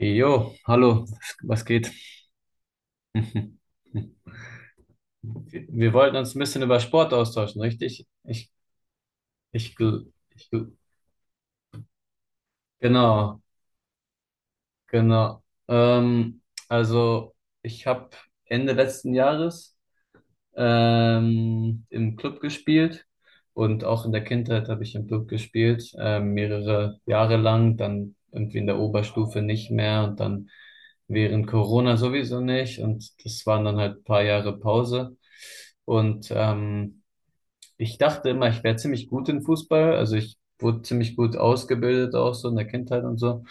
Jo, hallo, was geht? Wir wollten uns ein bisschen über Sport austauschen, richtig? Ich, gl- ich, gl- genau, genau. Ähm, also, ich habe Ende letzten Jahres im Club gespielt und auch in der Kindheit habe ich im Club gespielt, mehrere Jahre lang, dann irgendwie in der Oberstufe nicht mehr und dann während Corona sowieso nicht, und das waren dann halt ein paar Jahre Pause. Und ich dachte immer, ich wäre ziemlich gut in Fußball, also ich wurde ziemlich gut ausgebildet auch so in der Kindheit und so.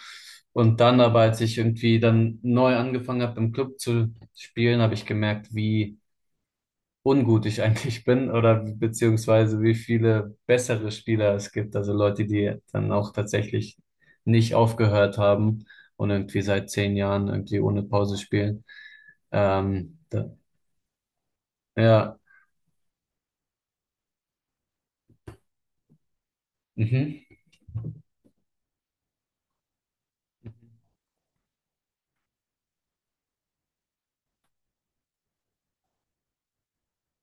Und dann aber, als ich irgendwie dann neu angefangen habe, im Club zu spielen, habe ich gemerkt, wie ungut ich eigentlich bin, oder beziehungsweise wie viele bessere Spieler es gibt. Also Leute, die dann auch tatsächlich nicht aufgehört haben und irgendwie seit 10 Jahren irgendwie ohne Pause spielen. Ähm, da, ja, mhm,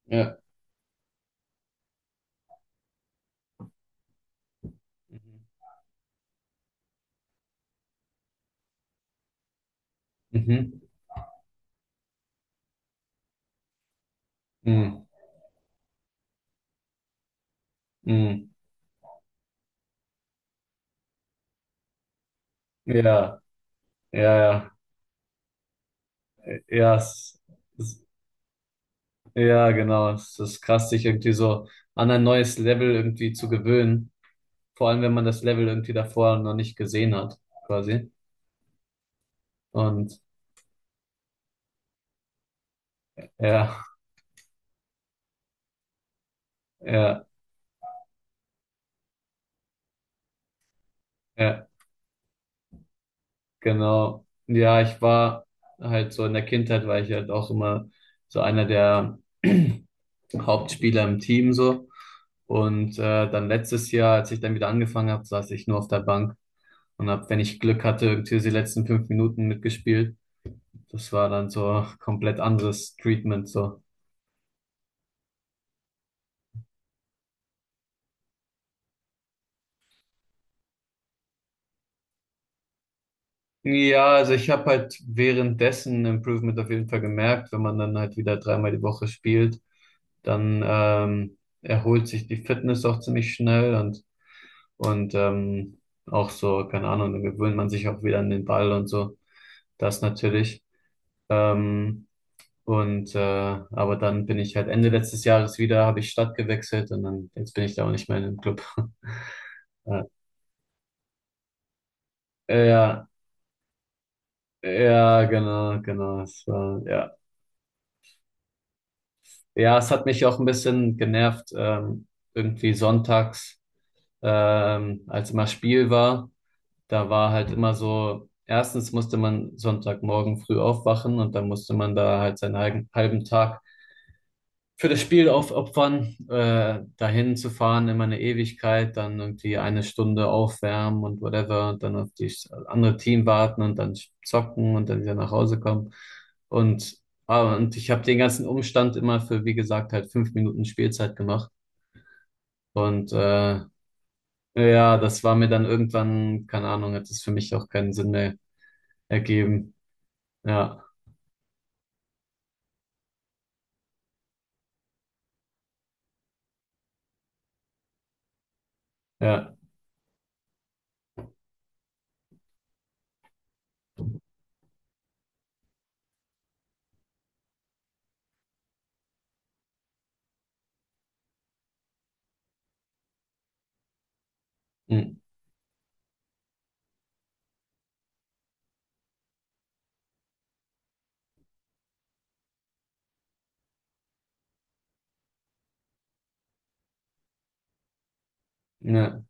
ja, mhm, mhm, mhm, ja, ja, ja, ja, es, ja, genau. Es ist krass, sich irgendwie so an ein neues Level irgendwie zu gewöhnen. Vor allem, wenn man das Level irgendwie davor noch nicht gesehen hat, quasi. Und ja, ja, ja, genau. Ja, ich war halt so in der Kindheit, war ich halt auch immer so einer der Hauptspieler im Team so. Und dann letztes Jahr, als ich dann wieder angefangen habe, saß ich nur auf der Bank und habe, wenn ich Glück hatte, irgendwie so die letzten 5 Minuten mitgespielt. Das war dann so komplett anderes Treatment so. Ja, also ich habe halt währenddessen ein Improvement auf jeden Fall gemerkt. Wenn man dann halt wieder dreimal die Woche spielt, dann erholt sich die Fitness auch ziemlich schnell, und auch so, keine Ahnung, dann gewöhnt man sich auch wieder an den Ball und so. Das natürlich. Ähm, aber dann bin ich halt Ende letztes Jahres wieder, habe ich Stadt gewechselt, und dann jetzt bin ich da auch nicht mehr in dem Club. Ja, ja, ja, genau, genau. Es war, ja. Ja, es hat mich auch ein bisschen genervt, irgendwie sonntags, als immer Spiel war. Da war halt immer so, erstens musste man Sonntagmorgen früh aufwachen und dann musste man da halt seinen halben Tag für das Spiel aufopfern, dahin zu fahren, immer eine Ewigkeit, dann irgendwie eine Stunde aufwärmen und whatever, und dann auf das andere Team warten, und dann zocken und dann wieder nach Hause kommen. Und, und ich habe den ganzen Umstand immer für, wie gesagt, halt 5 Minuten Spielzeit gemacht. Und ja, das war mir dann irgendwann, keine Ahnung, hat es für mich auch keinen Sinn mehr ergeben. Ja, ja, mm, ja,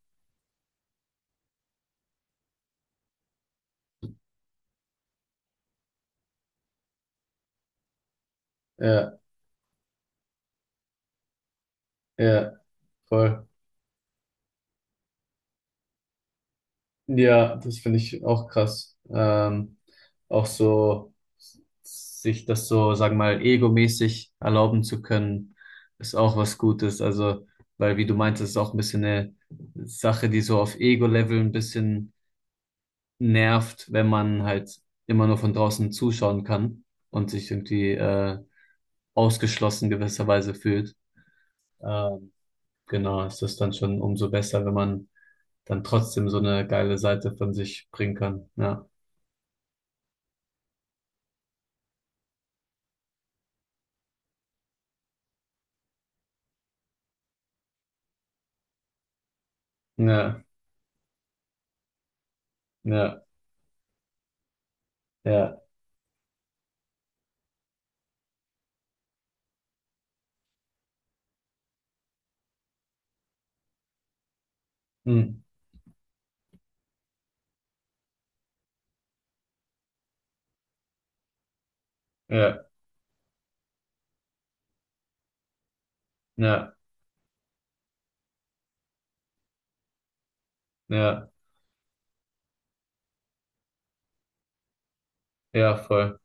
ja, ja, voll. Ja, das finde ich auch krass. Auch so sich das so, sagen wir mal, egomäßig erlauben zu können, ist auch was Gutes. Also, weil, wie du meintest, ist auch ein bisschen eine Sache, die so auf Ego-Level ein bisschen nervt, wenn man halt immer nur von draußen zuschauen kann und sich irgendwie ausgeschlossen gewisserweise fühlt. Ähm, genau, ist das dann schon umso besser, wenn man dann trotzdem so eine geile Seite von sich bringen kann. Ja. Ja, ja, ja, hm, ja, ja, ja, ja, voll.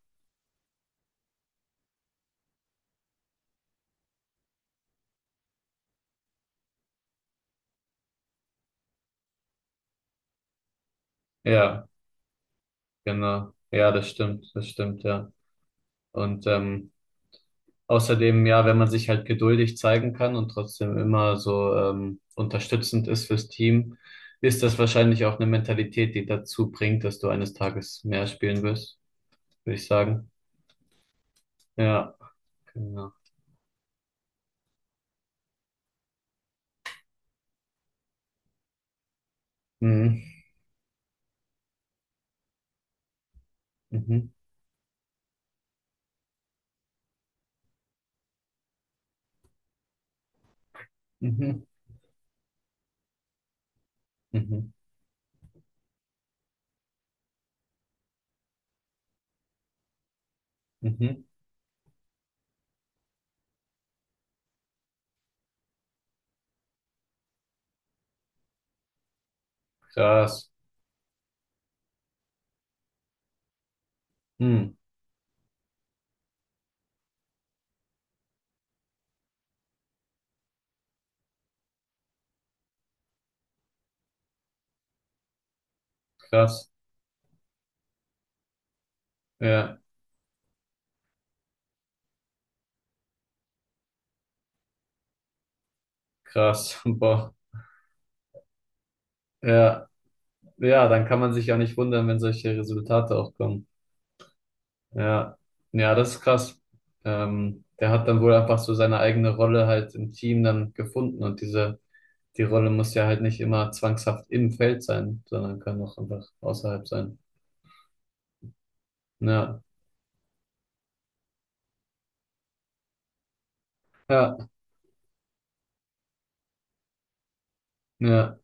Ja, genau. Ja, das stimmt, ja. Und außerdem, ja, wenn man sich halt geduldig zeigen kann und trotzdem immer so unterstützend ist fürs Team, ist das wahrscheinlich auch eine Mentalität, die dazu bringt, dass du eines Tages mehr spielen wirst, würde ich sagen. Ja, genau. Mhm, mhm, mhm, mhm, mhm. Krass. Hm. Krass. Ja, krass. Boah. Ja, ja, dann kann man sich ja nicht wundern, wenn solche Resultate auch kommen. Ja, ja, das ist krass. Der hat dann wohl einfach so seine eigene Rolle halt im Team dann gefunden, und die Rolle muss ja halt nicht immer zwangshaft im Feld sein, sondern kann auch einfach außerhalb sein. Ja, ja, ja,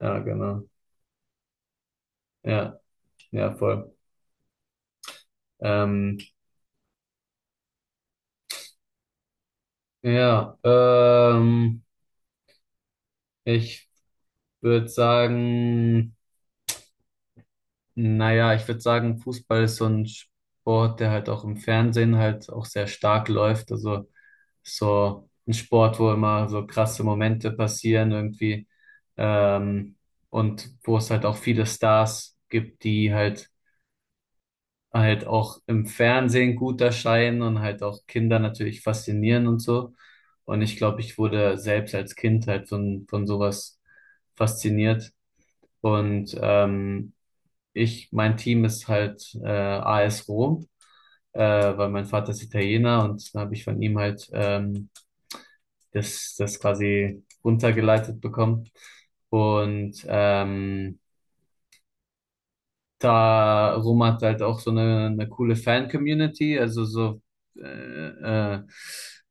ja, genau. Ja, ja, voll. Ähm, ja, ähm, ich würde sagen, Naja, ich würde sagen, Fußball ist so ein Sport, der halt auch im Fernsehen halt auch sehr stark läuft. Also so ein Sport, wo immer so krasse Momente passieren irgendwie. Ähm, und wo es halt auch viele Stars gibt, die halt auch im Fernsehen gut erscheinen und halt auch Kinder natürlich faszinieren und so. Und ich glaube, ich wurde selbst als Kind halt von sowas fasziniert. Und mein Team ist halt AS Rom, äh, weil mein Vater ist Italiener, und dann habe ich von ihm halt das quasi runtergeleitet bekommen. Und darum hat halt auch so eine coole Fan-Community, also so äh, äh,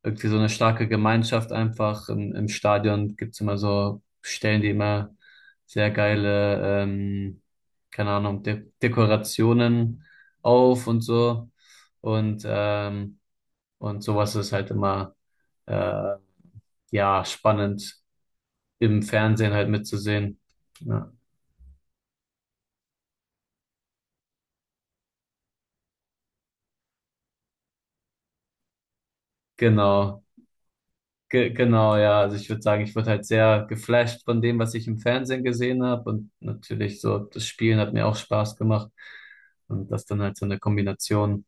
irgendwie so eine starke Gemeinschaft einfach. Im Stadion gibt's immer so Stellen, die immer sehr geile, keine Ahnung, De Dekorationen auf und so. Und, ähm, und sowas ist halt immer äh, ja spannend im Fernsehen halt mitzusehen. Ja, genau. Ge genau, ja. Also ich würde sagen, ich wurde halt sehr geflasht von dem, was ich im Fernsehen gesehen habe. Und natürlich so, das Spielen hat mir auch Spaß gemacht. Und das dann halt so eine Kombination.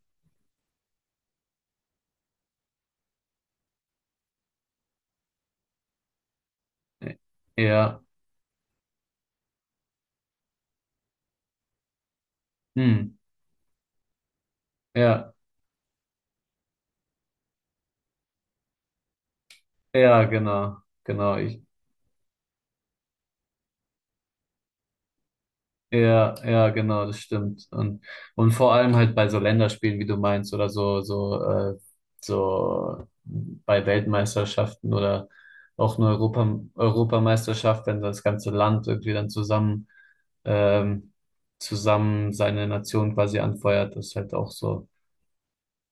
äh, Ja. Hm. Ja. Ja, genau. Genau. Ja, ja, genau, das stimmt. Und vor allem halt bei so Länderspielen, wie du meinst, oder so bei Weltmeisterschaften oder auch eine Europameisterschaft, wenn das ganze Land irgendwie dann ähm, zusammen seine Nation quasi anfeuert, das ist halt auch so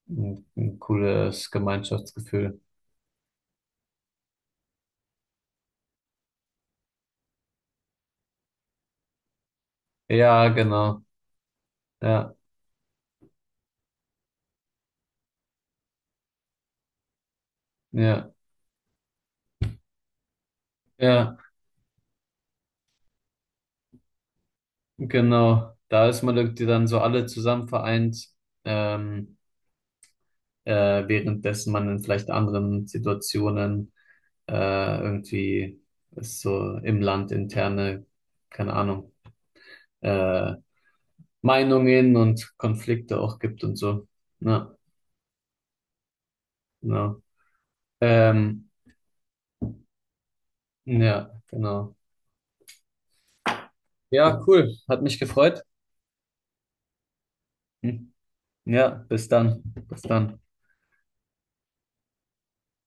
ein cooles Gemeinschaftsgefühl. Ja, genau. Ja, ja, ja, genau. Da ist man irgendwie dann so alle zusammen vereint. Ähm, währenddessen man in vielleicht anderen Situationen äh, irgendwie es so im Land interne, keine Ahnung, äh, Meinungen und Konflikte auch gibt und so. Ja, genau. Ähm, ja, genau. Ja, cool. Hat mich gefreut. Hm. Ja, bis dann. Bis dann.